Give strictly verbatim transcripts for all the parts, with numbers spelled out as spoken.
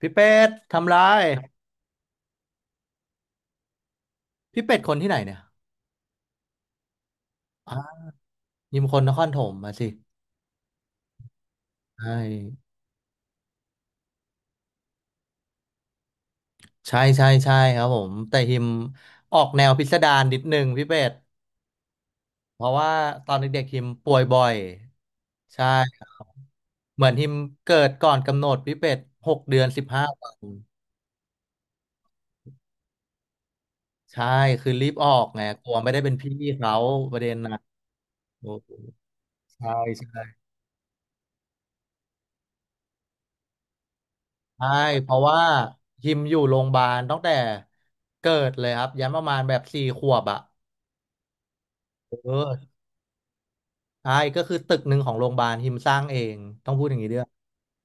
พี่เป็ดทำไรพี่เป็ดคนที่ไหนเนี่ยอ่ายิมคนนครถมมาสิใช่ใช่ใช่ใช่ครับผมแต่ฮิมออกแนวพิสดารนิดนึงพี่เป็ดเพราะว่าตอนเด็กๆฮิมป่วยบ่อยใช่เหมือนฮิมเกิดก่อนกำหนดพี่เป็ดหกเดือนสิบห้าวันใช่คือรีบออกไงกลัวไม่ได้เป็นพี่เขาประเด็นนะโอ้โหใช่ใช่ใช่เพราะว่าฮิมอยู่โรงพยาบาลตั้งแต่เกิดเลยครับยันประมาณแบบสี่ขวบอ่ะเออ ใช่ก็คือตึกหนึ่งของโรงพยาบาลฮิมสร้างเองต้องพูดอย่างนี้ด้วย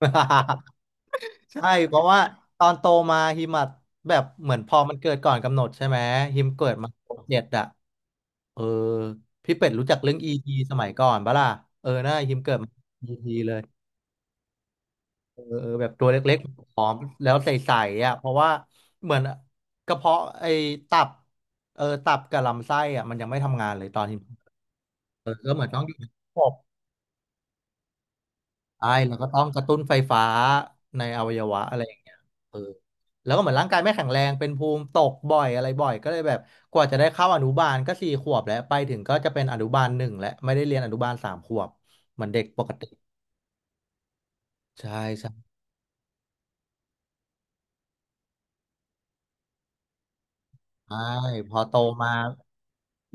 ใช่เพราะว่าตอนโตมาฮิมอะแบบเหมือนพอมันเกิดก่อนกำหนดใช่ไหมฮิมเกิดมาหกเจ็ดอะเออพี่เป็ดรู้จักเรื่อง e ีทีสมัยก่อนปะล่ะเออน่าฮิมเกิดมา e ีทีเลยเออเออแบบตัวเล็กๆผอมแล้วใสๆอ่ะเพราะว่าเหมือนกระเพาะไอ้ตับเออตับกับลำไส้อ่ะมันยังไม่ทำงานเลยตอนฮิมเออก็เหมือนต้องอยู่ในระบบ ใช่แล้วก็ต้องกระตุ้นไฟฟ้าในอวัยวะอะไรอย่างเงี้ยเออแล้วก็เหมือนร่างกายไม่แข็งแรงเป็นภูมิตกบ่อยอะไรบ่อยก็เลยแบบกว่าจะได้เข้าอนุบาลก็สี่ขวบแล้วไปถึงก็จะเป็นอนุบาลหนึ่งแล้วไม่ได้เรียนอนุบาลสามขวบเหมือนเด็กปกติใช่ใช่ ใช่พอโตมา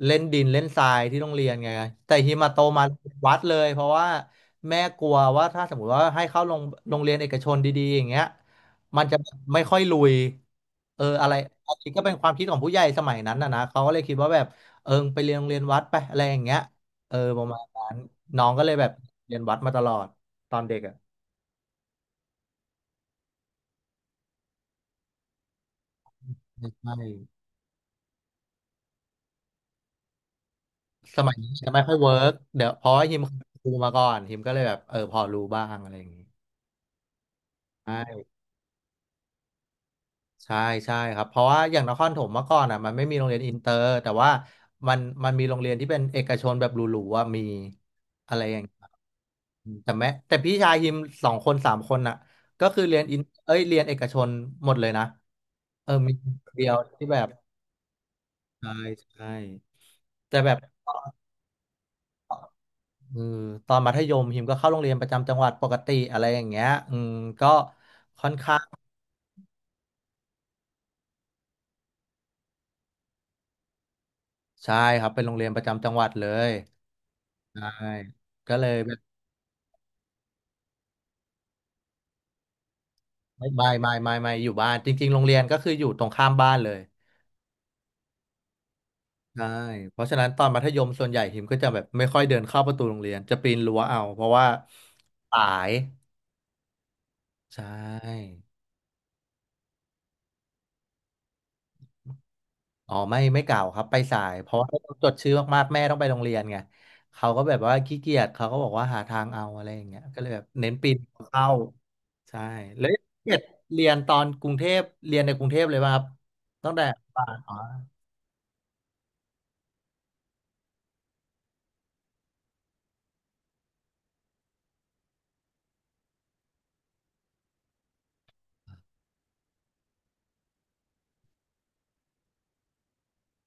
เล่นดินเล่นทรายที่โรงเรียนไงแต่ฮิมาโตมาวัดเลยเพราะว่าแม่กลัวว่าถ้าสมมติว่าให้เข้าโรงโรงเรียนเอกชนดีๆอย่างเงี้ยมันจะไม่ค่อยลุยเอออะไรอันนี้ก็เป็นความคิดของผู้ใหญ่สมัยนั้นนะนะเขาก็เลยคิดว่าแบบเออไปเรียนโรงเรียนวัดไปอะไรอย่างเงี้ยเออประมาณนั้นน้องก็เลยแบบเรียนวัดมาตลอดตอนเด็กอ่ะใช่สมัยนี้จะไม่ค่อยเวิร์กเดี๋ยวเพราะว่าฮิมเคยเป็นครูมาก่อนฮิมก็เลยแบบเออพอรู้บ้างอะไรอย่างนี้ ใช่ใช่ใช่ครับเพราะว่าอย่างนครถมเมื่อก่อนอ่ะมันไม่มีโรงเรียนอินเตอร์แต่ว่ามันมันมีโรงเรียนที่เป็นเอกชนแบบหรูๆว่ามีอะไรอย่างเงี้ยแต่แม้แต่พี่ชายฮิมสองคนสามคนอ่ะก็คือเรียนอินเอ้ยเรียนเอกชนหมดเลยนะเออมีคนเดียวที่แบบใช่ใช่แต่แบบเออตอนมัธยมฮิมก็เข้าโรงเรียนประจำจังหวัดปกติอะไรอย่างเงี้ยอืมก็ค่อนข้างใช่ครับเป็นโรงเรียนประจำจังหวัดเลยใช่ก็เลยแบบ ไม่ไม่ไม่ไม่ไม่อยู่บ้านจริงๆโรงเรียนก็คืออยู่ตรงข้ามบ้านเลยใช่เพราะฉะนั้นตอนมัธยมส่วนใหญ่หิมก็จะแบบไม่ค่อยเดินเข้าประตูโรงเรียนจะปีนรั้วเอาเพราะว่าสายใช่อ๋อไม่ไม่เก่าครับไปสายเพราะว่าต้องจดชื่อมากๆแม่ต้องไปโรงเรียนไงเขาก็แบบว่าขี้เกียจเขาก็บอกว่าหาทางเอาอะไรอย่างเงี้ยก็เลยแบบเน้นปีนเข้าใช่แล้วเรียนเรียนตอนกรุงเทพเรียนในกรุงเทพเลยป่ะครับตั้งแต่ปาน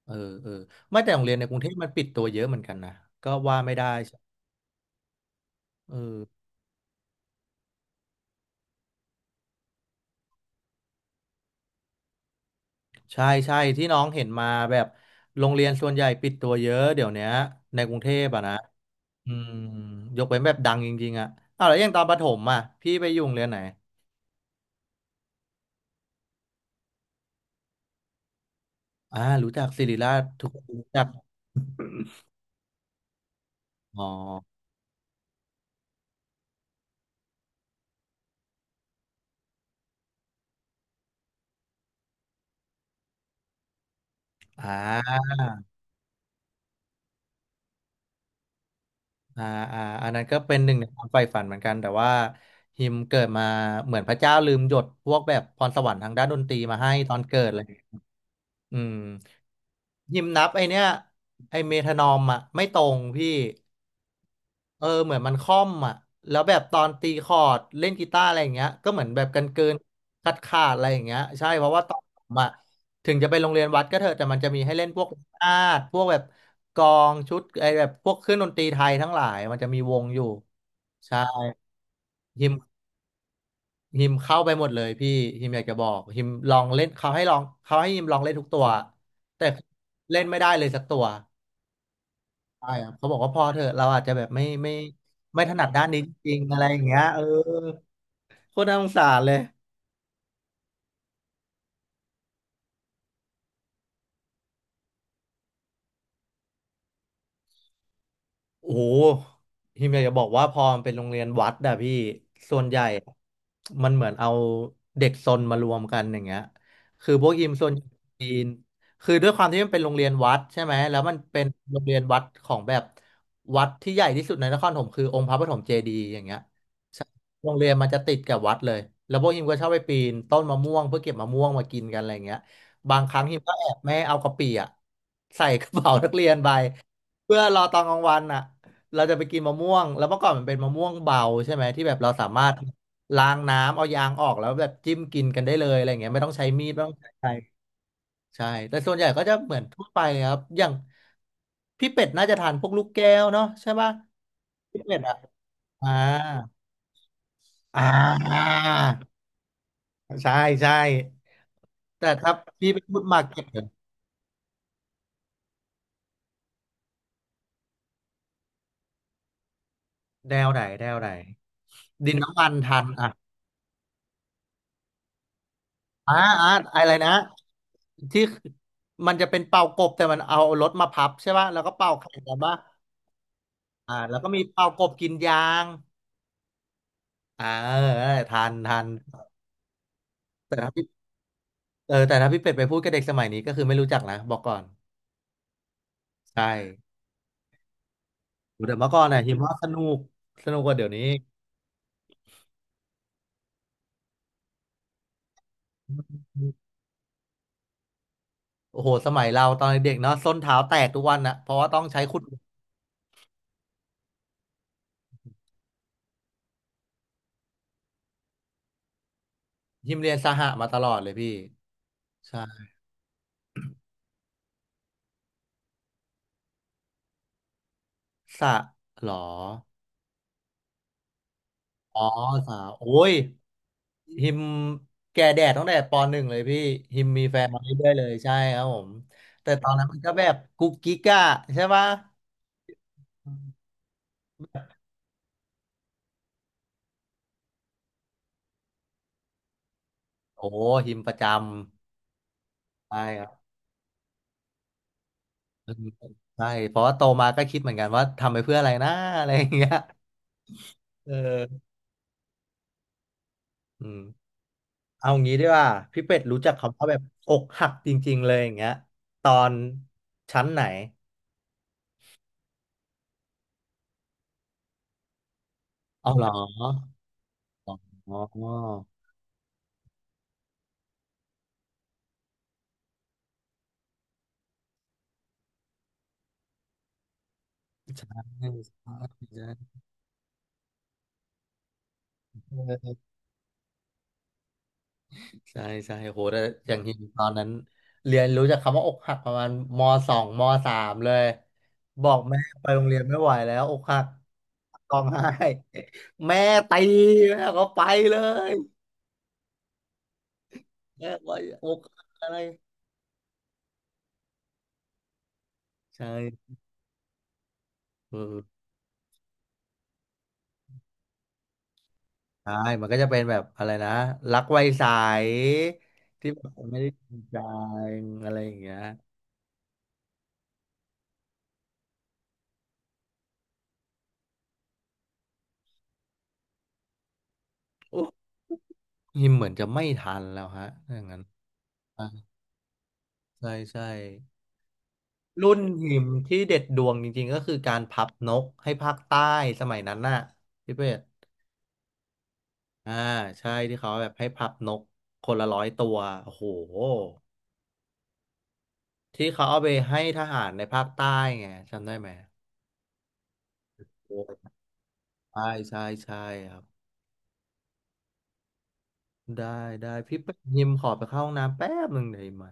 เออเออไม่แต่โรงเรียนในกรุงเทพมันปิดตัวเยอะเหมือนกันนะก็ว่าไม่ได้เออใช่ใช่ที่น้องเห็นมาแบบโรงเรียนส่วนใหญ่ปิดตัวเยอะเดี๋ยวเนี้ยในกรุงเทพอะนะอืมยกเว้นแบบดังจริงๆอะอ้าวแล้วอย่างตอนประถมอะพี่ไปอยู่โรงเรียนไหนอ่ารู้จักศิริราชทุกคนรู้จักอ๋ออ่า อ่าอ่าอันนั้นก็เป็นหนึ่งในความใฝ่ฝันเหมือนกันแต่ว่าฮิมเกิดมาเหมือนพระเจ้าลืมหยดพวกแบบพรสวรรค์ทางด้านดนตรีมาให้ตอนเกิดเลยอืมฮิมนับไอเนี้ยไอเมทานอมอ่ะไม่ตรงพี่ เออเหมือนมันค่อมอ่ะแล้วแบบตอนตีคอร์ดเล่นกีตาร์อะไรอย่างเงี้ยก็เหมือนแบบกันเกินขาดขาดอะไรอย่างเงี้ยใช่เพราะว่าตอนผมอ่ะถึงจะไปโรงเรียนวัดก็เถอะแต่มันจะมีให้เล่นพวกนาฏพวกแบบกลองชุดไอแบบพวกเครื่องดนตรีไทยทั้งหลายมันจะมีวงอยู่ใช่ฮิมฮิมเข้าไปหมดเลยพี่ฮิมอยากจะบอกฮิมลองเล่นเขาให้ลองเขาให้ฮิมลองเล่นทุกตัวแต่เล่นไม่ได้เลยสักตัว ใช่ครับเขาบอกว่าพอเถอะเราอาจจะแบบไม่ไม่ไม่ถนัดด้านนี้จริงๆอะไรอย่างเงี้ยเออโคตรน่าสงสารเลย โอ้โหทีมอยากจะบอกว่าพอมันเป็นโรงเรียนวัดอะพี่ ส่วนใหญ่ มันเหมือนเอาเด็กซนมารวมกันอย่างเงี้ยคือพวกยิมซนจีนคือด้วยความที่มันเป็นโรงเรียนวัดใช่ไหมแล้วมันเป็นโรงเรียนวัดของแบบวัดที่ใหญ่ที่สุดในนครปฐมคือองค์พระปฐมเจดีย์อย่างเงี้ยใช่โรงเรียนมันจะติดกับวัดเลยแล้วพวกยิมก็ชอบไปปีนต้นมะม่วงเพื่อเก็บมะม่วงมากินกันอะไรเงี้ยบางครั้งฮิมก็แอบแม่เอากะปิอะใส่กระเป๋านักเรียนไป เพื่อรอตอนกลางวันอ่ะเราจะไปกินมะม่วงแล้วเมื่อก่อนมันเป็นมะม่วงเบาใช่ไหมที่แบบเราสามารถล้างน้ำเอายางออกแล้วแบบจิ้มกินกันได้เลยอะไรอย่างเงี้ยไม่ต้องใช้มีดไม่ต้องใช้อะไรใช่แต่ส่วนใหญ่ก็จะเหมือนทั่วไปครับอย่างพี่เป็ดน่าจะทานพวกลูกแก้วเนาะใช่ป่ะพี่เป็ดอ่ะอ่าอ่าใช่ใช่แต่ถ้าพี่ไปพูดมาเก็ตแนวไหนแนวไหนดินน้ำมันทัน อ่าอ่าอะไรนะที่มันจะเป็นเป่ากบแต่มันเอารถมาพับใช่ป่ะแล้วก็เป่าแข่งกันป่ะอ่าแล้วก็มีเป่ากบกินยางอ่าเออทันทันแต่ถ้าพี่เออแต่ถ้าพี่เป็ดไปพูดกับเด็กสมัยนี้ก็คือไม่รู้จักนะบอกก่อนใช่แต่เมื่อก่อนน่ะหิมว่าสนุกสนุกกว่าเดี๋ยวนี้โอ้โหสมัยเราตอนเด็กๆเนาะส้นเท้าแตกทุกวันนะเพราะว่าต้องใช้ขุดยิมเรียนสหะมาตลอดเลยพี่ใช่สะหรออ๋อสาวโอ้ย ฮิมแก่แดดตั้งแต่ปหนึ่งเลยพี่ฮิมมีแฟนมาเรื่อยๆเลยใช่ครับผมแต่ตอนนั้นมันก็แบบกุ๊กกิ๊กอะใช่ปะอืมโอ้ฮิมประจำใช่ครับอืมใช่เพราะว่าโตมาก็คิดเหมือนกันว่าทำไปเพื่ออะไรนะอะไรอย่างเงี้ยเอออืมเอางี้ดีกว่าพี่เป็ดรู้จักคำว่าแบบอกหักจริงๆเลยอย่างเงี้ยตอนชั้นไหนเอาเหรออ๋อใช่ใช่ใช่ ใช่ใช่โหแต่อย่างที่ตอนนั้นเรียนรู้จากคำว่าอกหักประมาณมสองมสามเลยบอกแม่ไปโรงเรียนไม่ไหวแล้วอกหักร้องไห้ แม่ตีแม่ก็ไปเลยแม่ก็อกหักอะไรใช่อืมใช่มันก็จะเป็นแบบอะไรนะรักไวสายที่แบบไม่ได้จริงใจงอะไรอย่างเงี้ยโอ้ยหิมเหมือนจะไม่ทันแล้วฮะถ้าอย่างนั้นอ่ะใช่ใช่ รุ่นหิมที่เด็ดดวงจริงๆก็คือการพับนกให้ภาคใต้สมัยนั้นน่ะพี่เป็ดอ่าใช่ที่เขาแบบให้พับนกคนละหนึ่งร้อยตัวโอ้โหที่เขาเอาไปให้ทหารในภาคใต้ไงจำได้ไหมโอ้ใช่ใช่ใช่ครับได้ได้พี่เป็ดหิมขอไปเข้าห้องน้ำแป๊บหนึ่งเลยวหิมมา